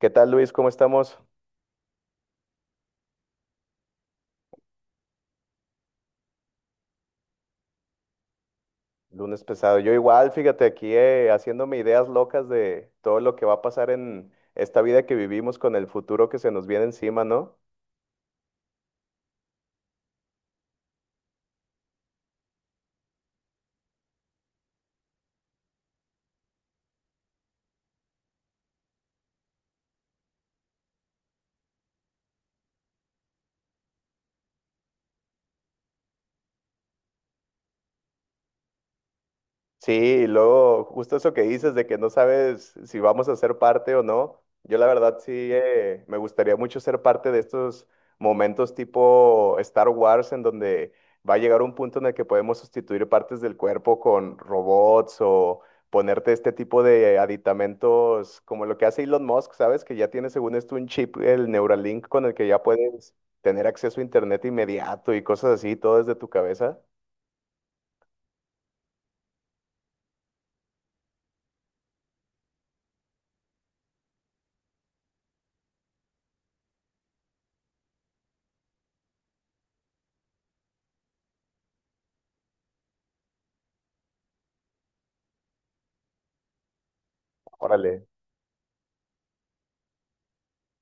¿Qué tal, Luis? ¿Cómo estamos? Lunes pesado. Yo igual, fíjate, aquí haciéndome ideas locas de todo lo que va a pasar en esta vida que vivimos con el futuro que se nos viene encima, ¿no? Sí, y luego justo eso que dices de que no sabes si vamos a ser parte o no. Yo la verdad sí me gustaría mucho ser parte de estos momentos tipo Star Wars en donde va a llegar un punto en el que podemos sustituir partes del cuerpo con robots o ponerte este tipo de aditamentos como lo que hace Elon Musk, ¿sabes? Que ya tiene según esto un chip, el Neuralink, con el que ya puedes tener acceso a internet inmediato y cosas así, todo desde tu cabeza. Órale.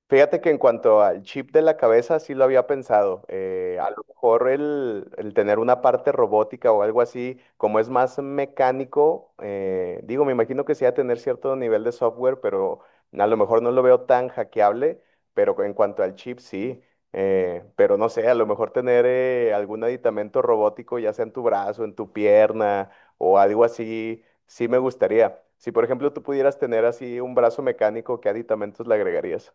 Fíjate que en cuanto al chip de la cabeza, sí lo había pensado. A lo mejor el tener una parte robótica o algo así, como es más mecánico, digo, me imagino que sí va a tener cierto nivel de software, pero a lo mejor no lo veo tan hackeable, pero en cuanto al chip, sí. Pero no sé, a lo mejor tener algún aditamento robótico, ya sea en tu brazo, en tu pierna o algo así, sí me gustaría. Si, por ejemplo, tú pudieras tener así un brazo mecánico, ¿qué aditamentos le agregarías?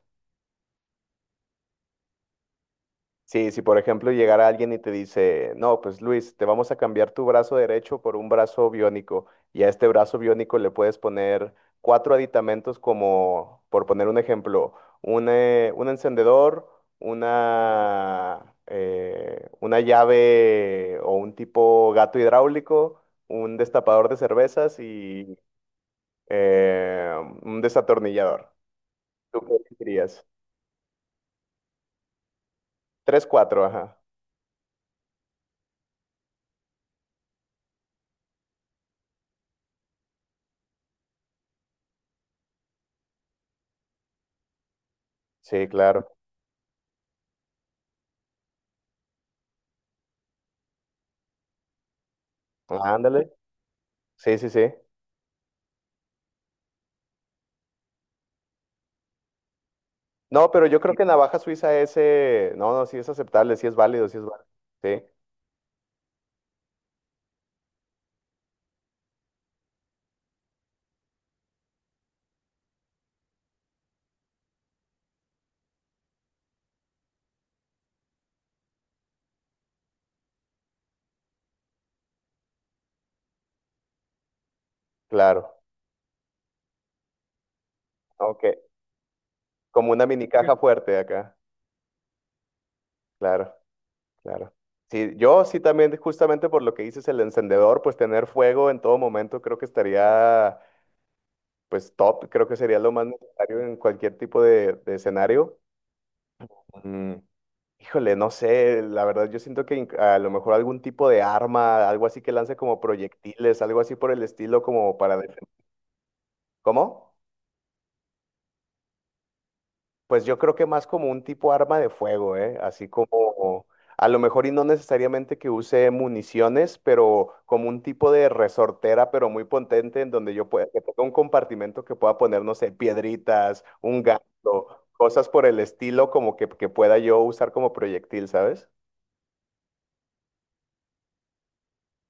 Sí, si por ejemplo llegara alguien y te dice, no, pues Luis, te vamos a cambiar tu brazo derecho por un brazo biónico y a este brazo biónico le puedes poner cuatro aditamentos como, por poner un ejemplo, un encendedor, una llave o un tipo gato hidráulico, un destapador de cervezas y eh, un desatornillador. ¿Tú qué dirías? Tres, cuatro, ajá. Sí, claro. Ándale. Sí, sí, sí. No, pero yo creo que navaja suiza ese, no, no, sí es aceptable, sí es válido, sí es válido. Sí, claro. Ok. Como una mini caja fuerte acá. Claro, claro. Sí, yo sí también, justamente por lo que dices, el encendedor, pues tener fuego en todo momento creo que estaría, pues top, creo que sería lo más necesario en cualquier tipo de escenario. Mm, híjole, no sé, la verdad yo siento que a lo mejor algún tipo de arma, algo así que lance como proyectiles, algo así por el estilo, como para defen- ¿Cómo? Pues yo creo que más como un tipo arma de fuego, ¿eh? Así como, a lo mejor y no necesariamente que use municiones, pero como un tipo de resortera, pero muy potente, en donde yo pueda, que tenga un compartimento que pueda poner, no sé, piedritas, un gato, cosas por el estilo, como que pueda yo usar como proyectil, ¿sabes?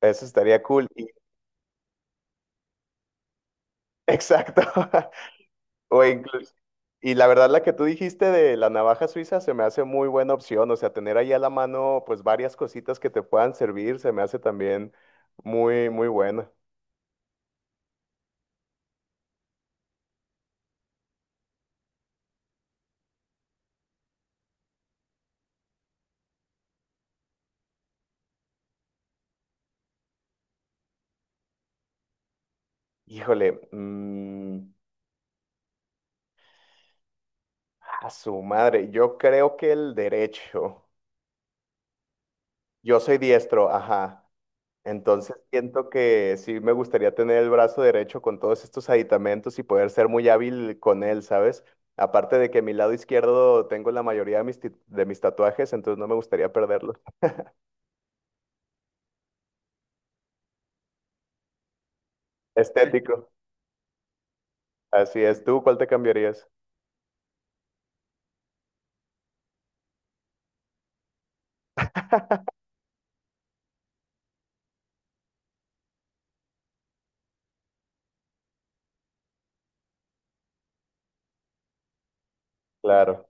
Eso estaría cool. Y- exacto. O incluso, y la verdad, la que tú dijiste de la navaja suiza se me hace muy buena opción. O sea, tener ahí a la mano, pues varias cositas que te puedan servir, se me hace también muy, muy buena. Híjole, mm, a su madre, yo creo que el derecho. Yo soy diestro, ajá. Entonces siento que sí me gustaría tener el brazo derecho con todos estos aditamentos y poder ser muy hábil con él, ¿sabes? Aparte de que mi lado izquierdo tengo la mayoría de de mis tatuajes, entonces no me gustaría perderlo. Estético, así es. ¿Tú cuál te cambiarías? Claro.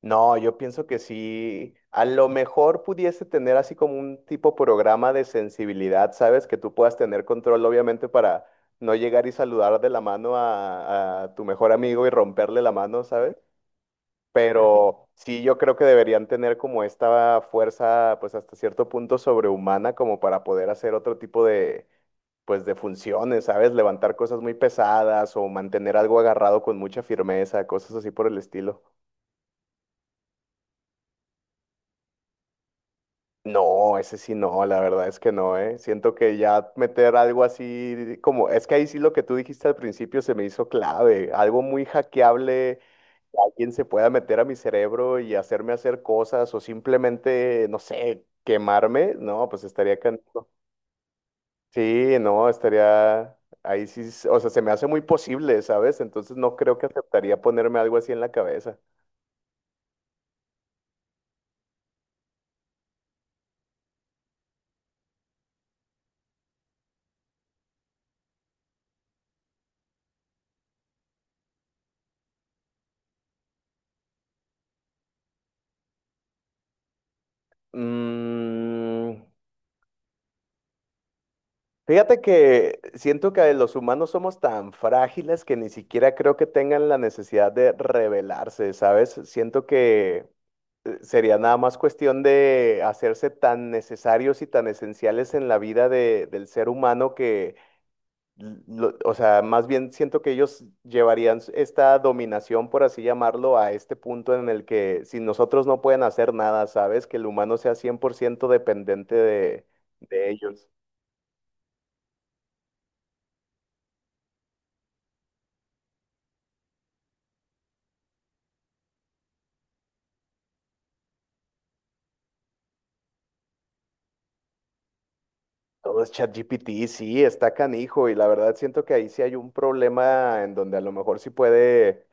No, yo pienso que sí. A lo mejor pudiese tener así como un tipo programa de sensibilidad, ¿sabes? Que tú puedas tener control, obviamente, para no llegar y saludar de la mano a tu mejor amigo y romperle la mano, ¿sabes? Pero sí, yo creo que deberían tener como esta fuerza, pues hasta cierto punto sobrehumana, como para poder hacer otro tipo de, pues de funciones, ¿sabes? Levantar cosas muy pesadas o mantener algo agarrado con mucha firmeza, cosas así por el estilo. No, ese sí no, la verdad es que no, ¿eh? Siento que ya meter algo así, como, es que ahí sí lo que tú dijiste al principio se me hizo clave, algo muy hackeable, que alguien se pueda meter a mi cerebro y hacerme hacer cosas o simplemente, no sé, quemarme, no, pues estaría cansado. Sí, no, estaría ahí sí, s- o sea, se me hace muy posible, ¿sabes? Entonces no creo que aceptaría ponerme algo así en la cabeza. Mm, fíjate que siento que los humanos somos tan frágiles que ni siquiera creo que tengan la necesidad de rebelarse, ¿sabes? Siento que sería nada más cuestión de hacerse tan necesarios y tan esenciales en la vida de- del ser humano que lo- o sea, más bien siento que ellos llevarían s- esta dominación, por así llamarlo, a este punto en el que si nosotros no pueden hacer nada, ¿sabes? Que el humano sea 100% dependiente de ellos. Todo es ChatGPT, sí, está canijo, y la verdad siento que ahí sí hay un problema en donde a lo mejor sí puede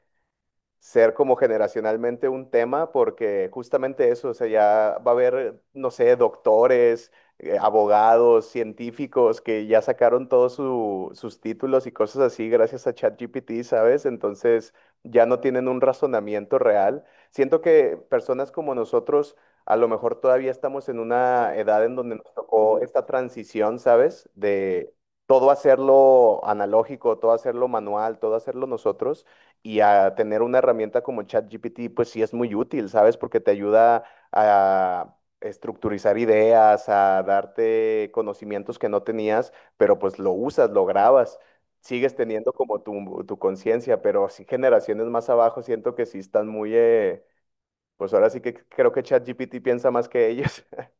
ser como generacionalmente un tema, porque justamente eso, o sea, ya va a haber, no sé, doctores, abogados, científicos que ya sacaron todos su- sus títulos y cosas así gracias a ChatGPT, ¿sabes? Entonces ya no tienen un razonamiento real. Siento que personas como nosotros a lo mejor todavía estamos en una edad en donde nos tocó esta transición, ¿sabes? De todo hacerlo analógico, todo hacerlo manual, todo hacerlo nosotros y a tener una herramienta como ChatGPT, pues sí es muy útil, ¿sabes? Porque te ayuda a estructurizar ideas, a darte conocimientos que no tenías, pero pues lo usas, lo grabas, sigues teniendo como tu conciencia, pero sí generaciones más abajo siento que sí están muy, pues ahora sí que creo que ChatGPT piensa más que ellos.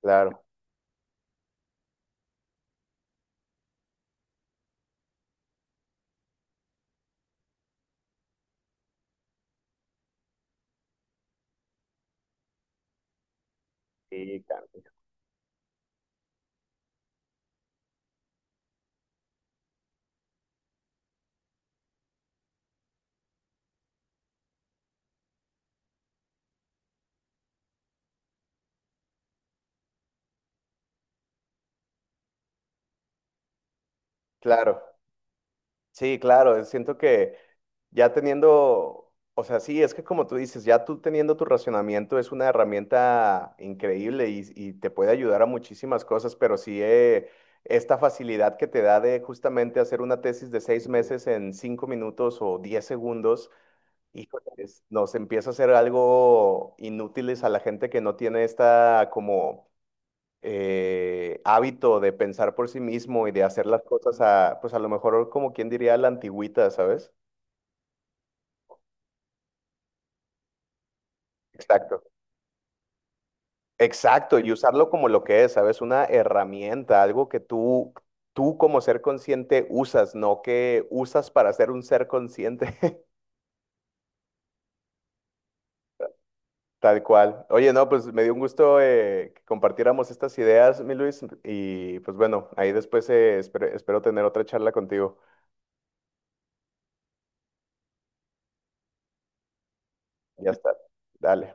Claro. Sí, claro. Claro, sí, claro. Siento que ya teniendo, o sea, sí, es que como tú dices, ya tú teniendo tu racionamiento es una herramienta increíble y te puede ayudar a muchísimas cosas, pero sí esta facilidad que te da de justamente hacer una tesis de 6 meses en 5 minutos o 10 segundos, híjole, es- nos empieza a hacer algo inútiles a la gente que no tiene esta como hábito de pensar por sí mismo y de hacer las cosas a, pues a lo mejor como quien diría a la antigüita, ¿sabes? Exacto. Exacto, y usarlo como lo que es, ¿sabes? Una herramienta, algo que tú como ser consciente usas, no que usas para ser un ser consciente, tal cual. Oye, no, pues me dio un gusto que compartiéramos estas ideas, mi Luis, y pues bueno, ahí después espero, espero tener otra charla contigo. Ya está, dale.